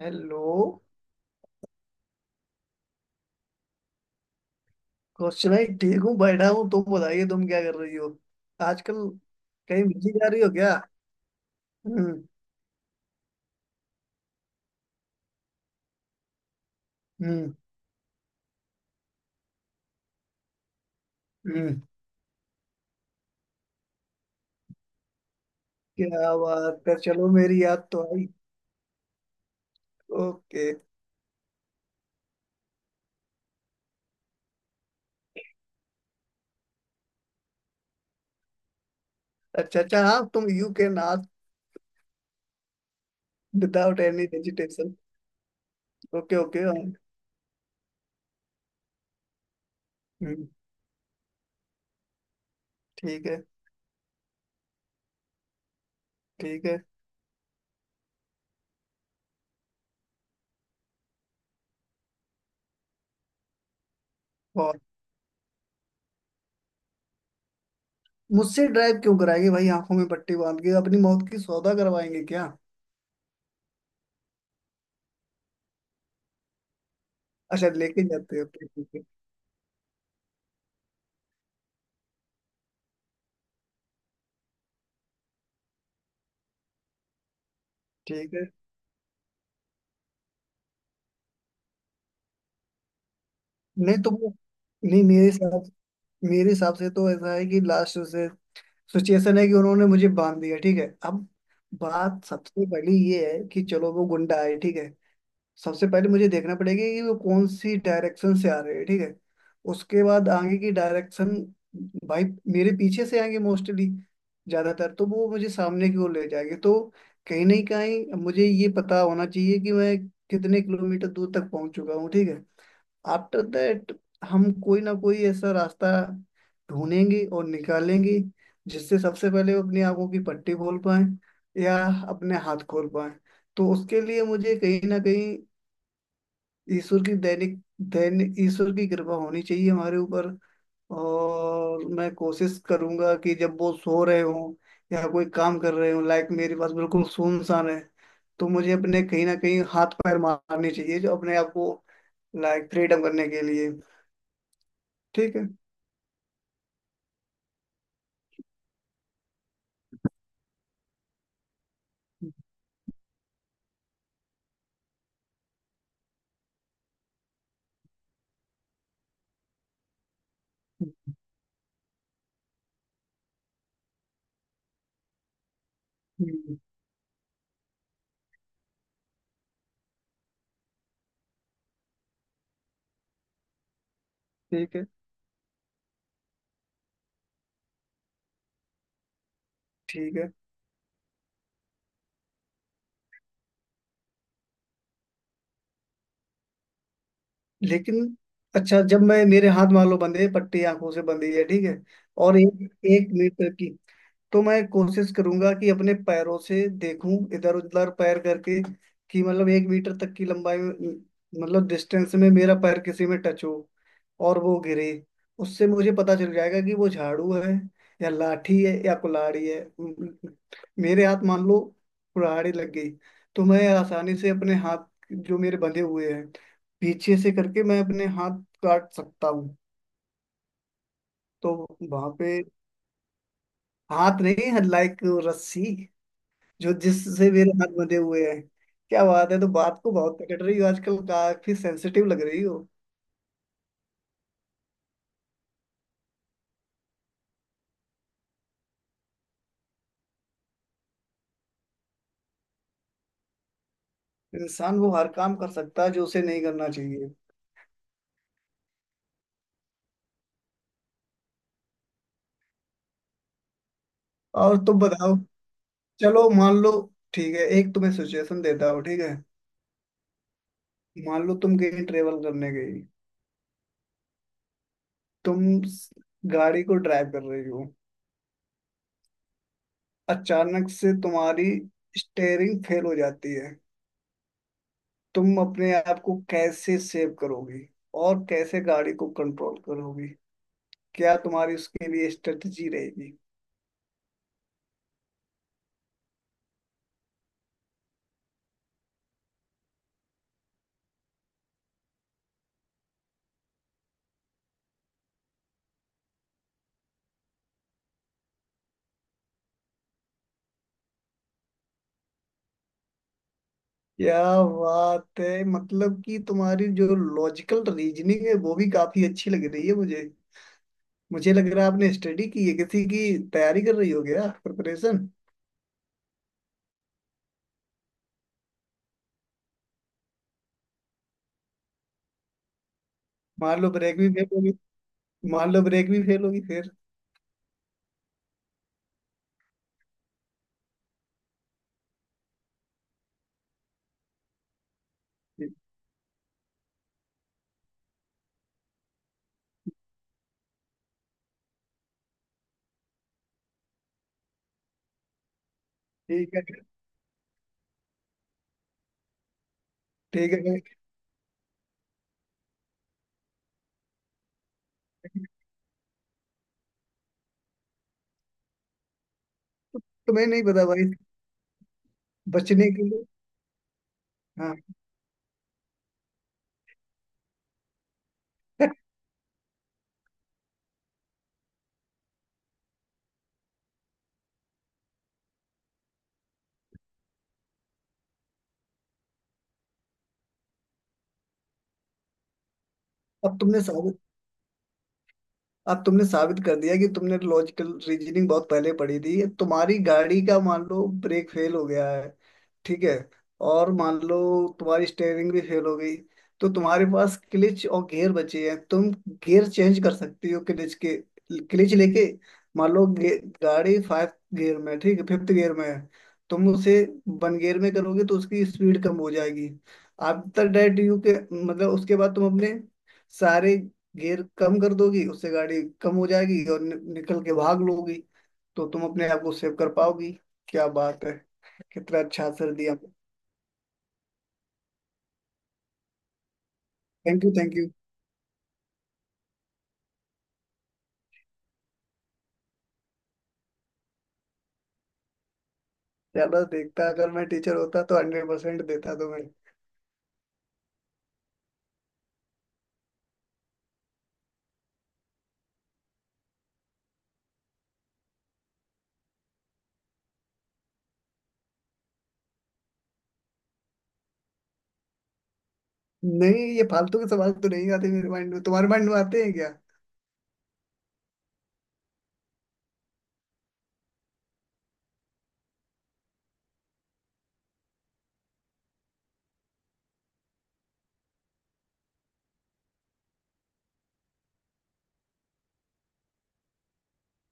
Hello. Kaushik भाई, ठीक हूँ, बैठा हूँ। तुम बताइए, तुम क्या कर रही हो आजकल? कहीं बिजी जा रही हो क्या? हम्म। हम्म। हम्म। क्या बात है, चलो मेरी याद तो आई। ओके। अच्छा अच्छा, हाँ तुम you can ask without any hesitation. Okay okay, हाँ। हम्म, ठीक है। ठीक है। और मुझसे ड्राइव क्यों कराएंगे भाई? आंखों में पट्टी बांध के अपनी मौत की सौदा करवाएंगे क्या? अच्छा, लेके जाते हो, ठीक है। ठीक है। नहीं, तुम। नहीं, मेरे साथ। मेरे हिसाब से तो ऐसा है कि लास्ट से सिचुएशन है कि उन्होंने मुझे बांध दिया, ठीक है। अब बात सबसे पहले ये है कि चलो वो गुंडा है, ठीक है। सबसे पहले मुझे देखना पड़ेगा कि वो कौन सी डायरेक्शन से आ रहे हैं, ठीक है। उसके बाद आगे की डायरेक्शन, भाई, मेरे पीछे से आएंगे मोस्टली। ज्यादातर तो वो मुझे सामने की ओर ले जाएंगे, तो कहीं ना कहीं मुझे ये पता होना चाहिए कि मैं कितने किलोमीटर दूर तक पहुंच चुका हूँ, ठीक है। आफ्टर दैट हम कोई ना कोई ऐसा रास्ता ढूंढेंगे और निकालेंगे जिससे सबसे पहले वो अपनी आंखों की पट्टी खोल पाए या अपने हाथ खोल पाए। तो उसके लिए मुझे कहीं ना कहीं ईश्वर की दैनिक दैनिक ईश्वर की कृपा होनी चाहिए हमारे ऊपर। और मैं कोशिश करूंगा कि जब वो सो रहे हों या कोई काम कर रहे हों, लाइक मेरे पास बिल्कुल सुनसान है, तो मुझे अपने कहीं ना कहीं हाथ पैर मारने चाहिए जो अपने आप को लाइक फ्रीडम करने के लिए। ठीक है। हम्म, ठीक है। ठीक है, लेकिन अच्छा जब मैं, मेरे हाथ मान लो बंधे, पट्टी आंखों से बंधी है, ठीक है। और एक एक मीटर की, तो मैं कोशिश करूंगा कि अपने पैरों से देखूं, इधर उधर पैर करके कि मतलब एक मीटर तक की लंबाई में, मतलब डिस्टेंस में, मेरा पैर किसी में टच हो और वो गिरे। उससे मुझे पता चल जाएगा कि वो झाड़ू है या लाठी है या कुल्हाड़ी है। मेरे हाथ मान लो कुल्हाड़ी लग गई तो मैं आसानी से अपने हाथ, जो मेरे बंधे हुए हैं, पीछे से करके मैं अपने हाथ काट सकता हूँ। तो वहां पे हाथ नहीं है, लाइक रस्सी जो, जिससे मेरे हाथ बंधे हुए हैं। क्या बात है, तो बात को बहुत पकड़ रही हो आजकल, काफी सेंसिटिव लग रही हो। इंसान वो हर काम कर सकता है जो उसे नहीं करना चाहिए। और तुम बताओ, चलो मान लो, ठीक है, एक तुम्हें सिचुएशन देता हूँ, ठीक है। मान लो तुम कहीं ट्रेवल करने गई, तुम गाड़ी को ड्राइव कर रही हो, अचानक से तुम्हारी स्टेयरिंग फेल हो जाती है। तुम अपने आप को कैसे सेव करोगी और कैसे गाड़ी को कंट्रोल करोगी? क्या तुम्हारी उसके लिए स्ट्रेटजी रहेगी? क्या बात है, मतलब कि तुम्हारी जो लॉजिकल रीजनिंग है वो भी काफी अच्छी लग रही है मुझे। मुझे लग रहा है आपने स्टडी की है, किसी की तैयारी कर रही हो, गया प्रिपरेशन। मान लो ब्रेक भी फेल होगी मान लो ब्रेक भी फेल होगी फिर। ठीक है। ठीक है। तुम्हें नहीं पता, भाई? बचने के लिए? हाँ। अब तुमने साबित अब तुमने साबित कर दिया कि तुमने लॉजिकल रीजनिंग बहुत पहले पढ़ी थी। तुम्हारी गाड़ी का मान लो ब्रेक फेल हो गया है, ठीक है, और मान लो तुम्हारी स्टेयरिंग भी फेल हो गई, तो तुम्हारे पास क्लिच और गियर बचे हैं। तुम गियर चेंज कर सकती हो क्लिच के, क्लिच लेके, मान लो गाड़ी फाइव गियर में है, ठीक है, फिफ्थ गियर में है, तुम उसे वन गियर में करोगे तो उसकी स्पीड कम हो जाएगी। आफ्टर दैट यू के, मतलब उसके बाद तुम अपने सारे गियर कम कर दोगी, उससे गाड़ी कम हो जाएगी और निकल के भाग लोगी। तो तुम अपने आप को सेव कर पाओगी। क्या बात है, कितना अच्छा आंसर दिया। Thank you, thank you. ज्यादा देखता, अगर मैं टीचर होता तो 100% देता तुम्हें। नहीं, ये फालतू के सवाल तो नहीं आते मेरे माइंड में, तुम्हारे माइंड में आते हैं क्या?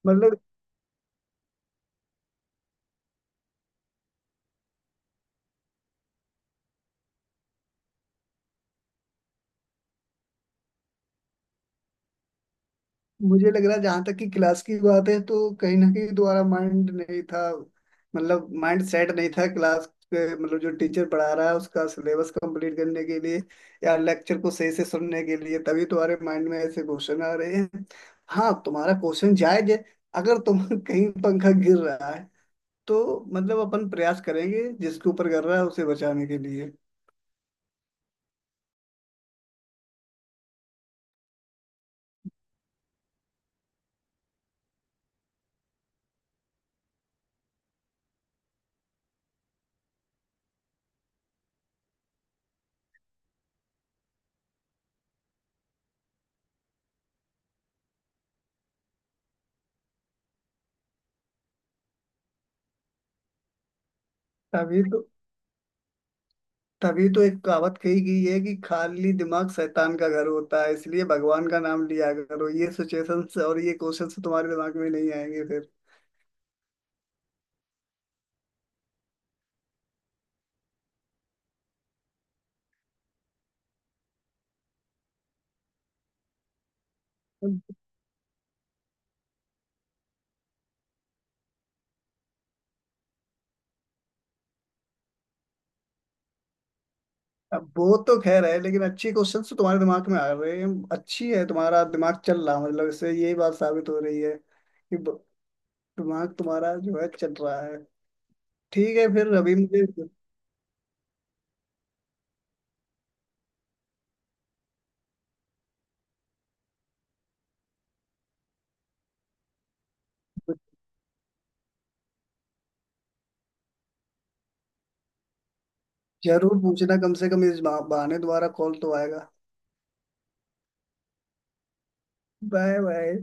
मतलब मुझे लग रहा है जहां तक कि क्लास की बात है, तो कहीं ना कहीं तुम्हारा माइंड नहीं था, मतलब माइंड सेट नहीं था क्लास के, मतलब जो टीचर पढ़ा रहा है उसका सिलेबस कंप्लीट करने के लिए या लेक्चर को सही से सुनने के लिए, तभी तुम्हारे माइंड में ऐसे क्वेश्चन आ रहे हैं। हाँ, तुम्हारा क्वेश्चन जायज है, अगर तुम कहीं पंखा गिर रहा है तो मतलब अपन प्रयास करेंगे जिसके ऊपर गिर रहा है उसे बचाने के लिए। तभी तो तभी तो एक कहावत कही गई है कि खाली दिमाग शैतान का घर होता है, इसलिए भगवान का नाम लिया करो, ये सिचुएशंस और ये क्वेश्चंस तुम्हारे दिमाग में नहीं आएंगे फिर। अब वो तो खैर है, लेकिन अच्छे क्वेश्चंस तो तुम्हारे दिमाग में आ रहे हैं। अच्छी है, तुम्हारा दिमाग चल रहा है, मतलब इससे यही बात साबित हो रही है कि दिमाग तुम्हारा जो है चल रहा है। ठीक है, फिर अभी मुझे जरूर पूछना, कम से कम इस बहाने दोबारा कॉल तो आएगा। Bye bye.